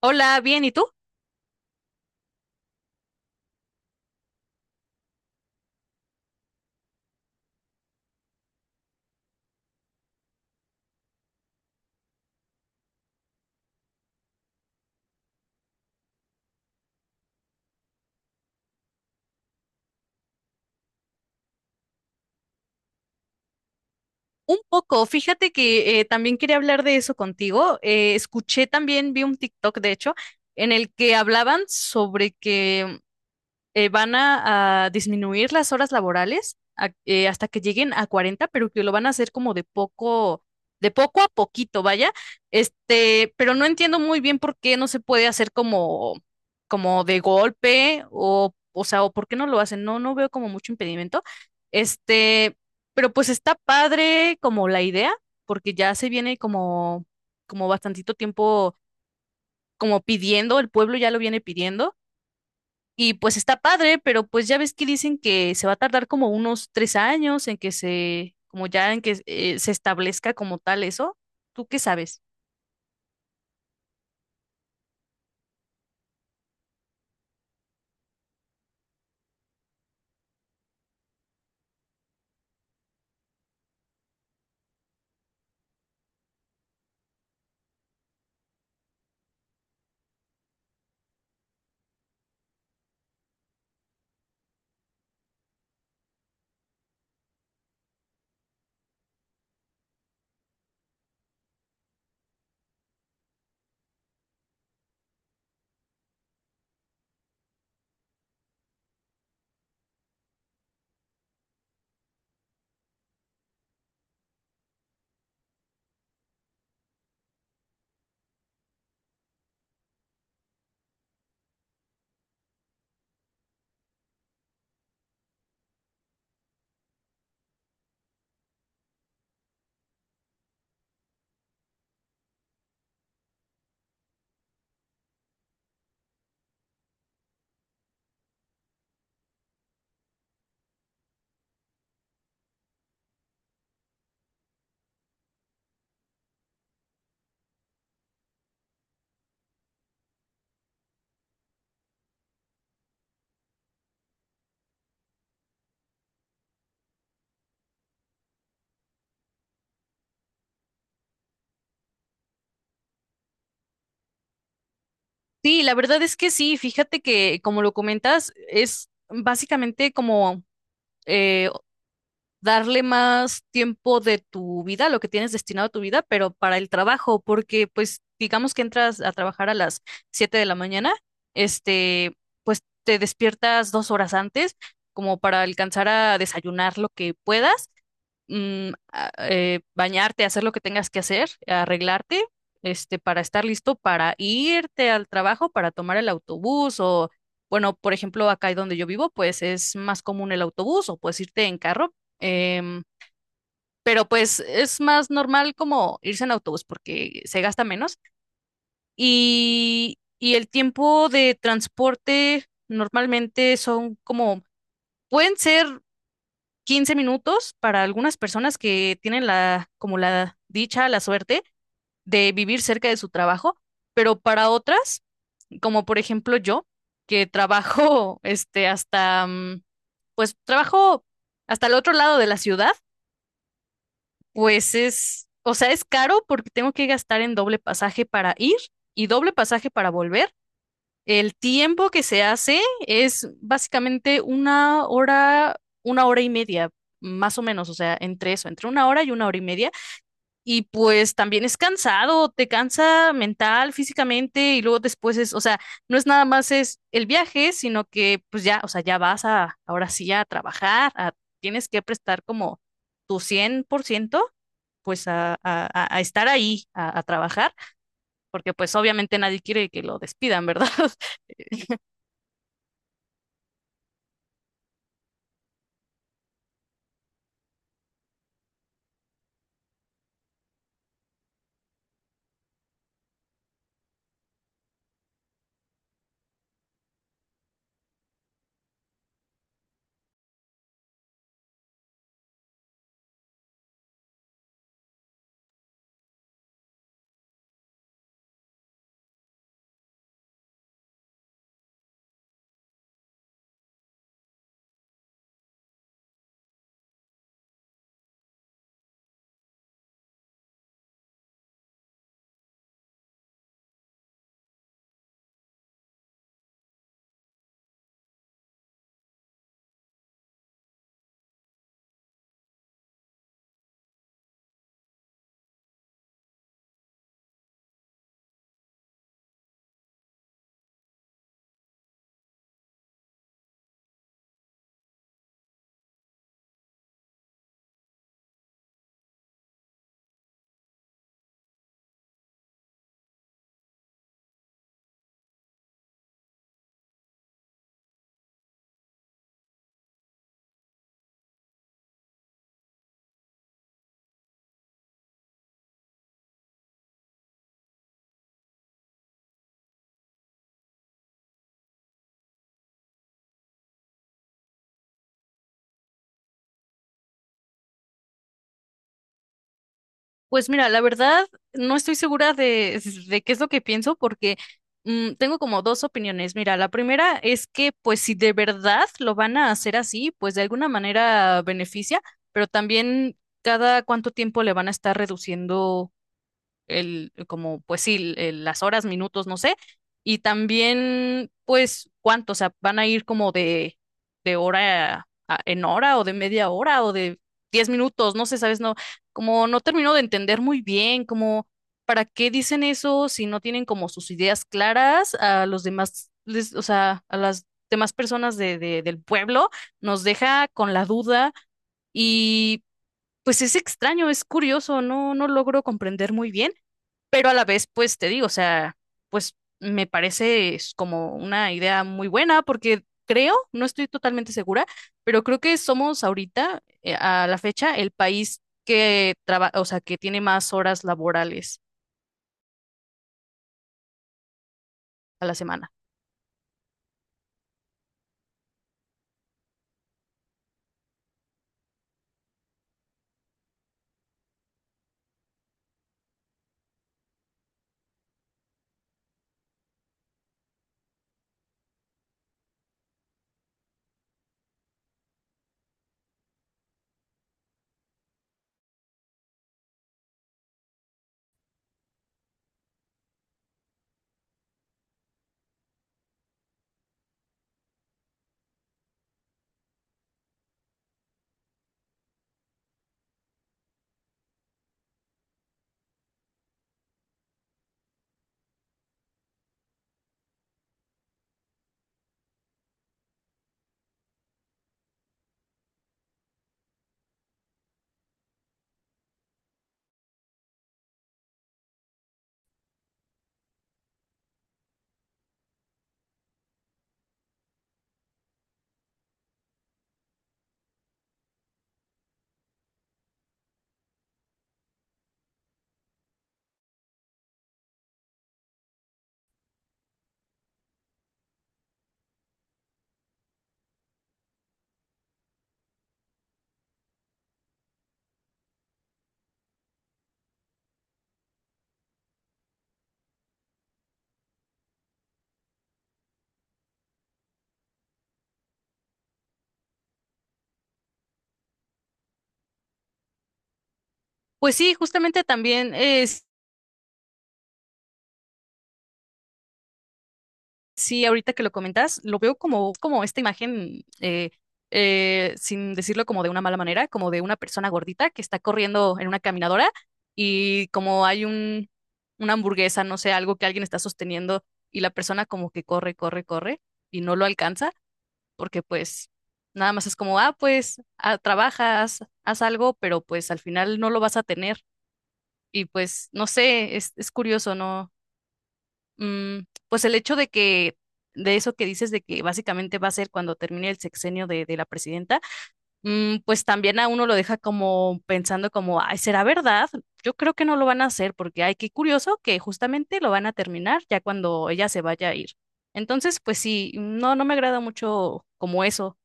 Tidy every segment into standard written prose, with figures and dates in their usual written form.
Hola, bien, ¿y tú? Un poco, fíjate que también quería hablar de eso contigo. Escuché también, vi un TikTok, de hecho, en el que hablaban sobre que van a disminuir las horas laborales hasta que lleguen a 40, pero que lo van a hacer como de poco a poquito, vaya. Pero no entiendo muy bien por qué no se puede hacer como de golpe o sea, o por qué no lo hacen. No, no veo como mucho impedimento. Este, pero pues está padre como la idea, porque ya se viene como bastantito tiempo como pidiendo, el pueblo ya lo viene pidiendo. Y pues está padre, pero pues ya ves que dicen que se va a tardar como unos 3 años en que se, como ya en que se establezca como tal eso. ¿Tú qué sabes? Sí, la verdad es que sí, fíjate que como lo comentas, es básicamente como eh, darle más tiempo de tu vida, lo que tienes destinado a tu vida, pero para el trabajo, porque pues digamos que entras a trabajar a las 7 de la mañana. este, pues te despiertas 2 horas antes como para alcanzar a desayunar lo que puedas, bañarte, hacer lo que tengas que hacer, arreglarte, para estar listo para irte al trabajo, para tomar el autobús o, bueno, por ejemplo, acá y donde yo vivo, pues es más común el autobús o puedes irte en carro. em, pero pues es más normal como irse en autobús porque se gasta menos, y el tiempo de transporte normalmente son como, pueden ser 15 minutos para algunas personas que tienen la, como la dicha, la suerte de vivir cerca de su trabajo, pero para otras, como por ejemplo yo, que trabajo pues trabajo hasta el otro lado de la ciudad. Pues es, o sea, es caro porque tengo que gastar en doble pasaje para ir y doble pasaje para volver. El tiempo que se hace es básicamente una hora y media, más o menos, o sea, entre eso, entre una hora y media. Y pues también es cansado, te cansa mental, físicamente, y luego después es, o sea, no es nada más es el viaje, sino que pues ya, o sea, ya vas a, ahora sí a trabajar, tienes que prestar como tu 100%, pues a estar ahí, a trabajar, porque pues obviamente nadie quiere que lo despidan, ¿verdad? Pues mira, la verdad, no estoy segura de qué es lo que pienso porque tengo como dos opiniones. Mira, la primera es que pues si de verdad lo van a hacer así, pues de alguna manera beneficia, pero también cada cuánto tiempo le van a estar reduciendo el, como, pues sí, las horas, minutos, no sé. Y también, pues, cuánto, o sea, van a ir como de hora en hora o de media hora o de 10 minutos, no sé, sabes, no, como no termino de entender muy bien, como, ¿para qué dicen eso si no tienen como sus ideas claras a los demás, o sea, a las demás personas del pueblo? Nos deja con la duda y pues es extraño, es curioso, no, no logro comprender muy bien, pero a la vez, pues te digo, o sea, pues me parece es como una idea muy buena porque creo, no estoy totalmente segura, pero creo que somos ahorita, a la fecha, el país que trabaja, o sea, que tiene más horas laborales a la semana. Pues sí, justamente también. Sí, ahorita que lo comentas, lo veo como esta imagen, sin decirlo como de una mala manera, como de una persona gordita que está corriendo en una caminadora y como hay una hamburguesa, no sé, algo que alguien está sosteniendo, y la persona como que corre, corre, corre y no lo alcanza porque pues nada más es como, ah, pues ah, trabajas, haz algo, pero pues al final no lo vas a tener. Y pues no sé, es curioso, ¿no? Mm, pues el hecho de que, de eso que dices, de que básicamente va a ser cuando termine el sexenio de la presidenta, pues también a uno lo deja como pensando como, ay, ¿será verdad? Yo creo que no lo van a hacer porque, ay, qué curioso que justamente lo van a terminar ya cuando ella se vaya a ir. Entonces, pues sí, no, no me agrada mucho como eso.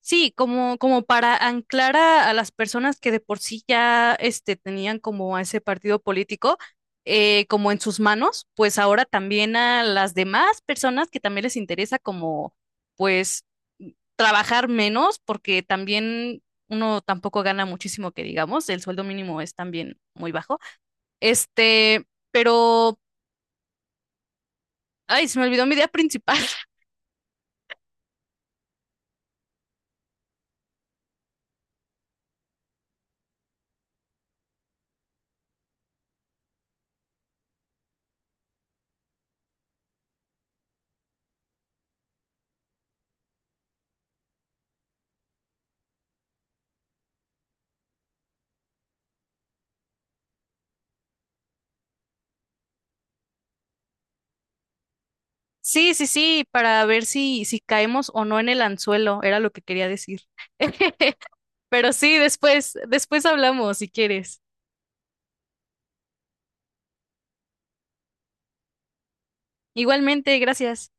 Sí, como para anclar a las personas que de por sí ya tenían como a ese partido político, como en sus manos, pues ahora también a las demás personas que también les interesa como pues trabajar menos, porque también uno tampoco gana muchísimo que digamos, el sueldo mínimo es también muy bajo. Este, pero, ay, se me olvidó mi idea principal. Sí, sí, sí, para ver si caemos o no en el anzuelo, era lo que quería decir. Pero sí, después hablamos si quieres. Igualmente, gracias.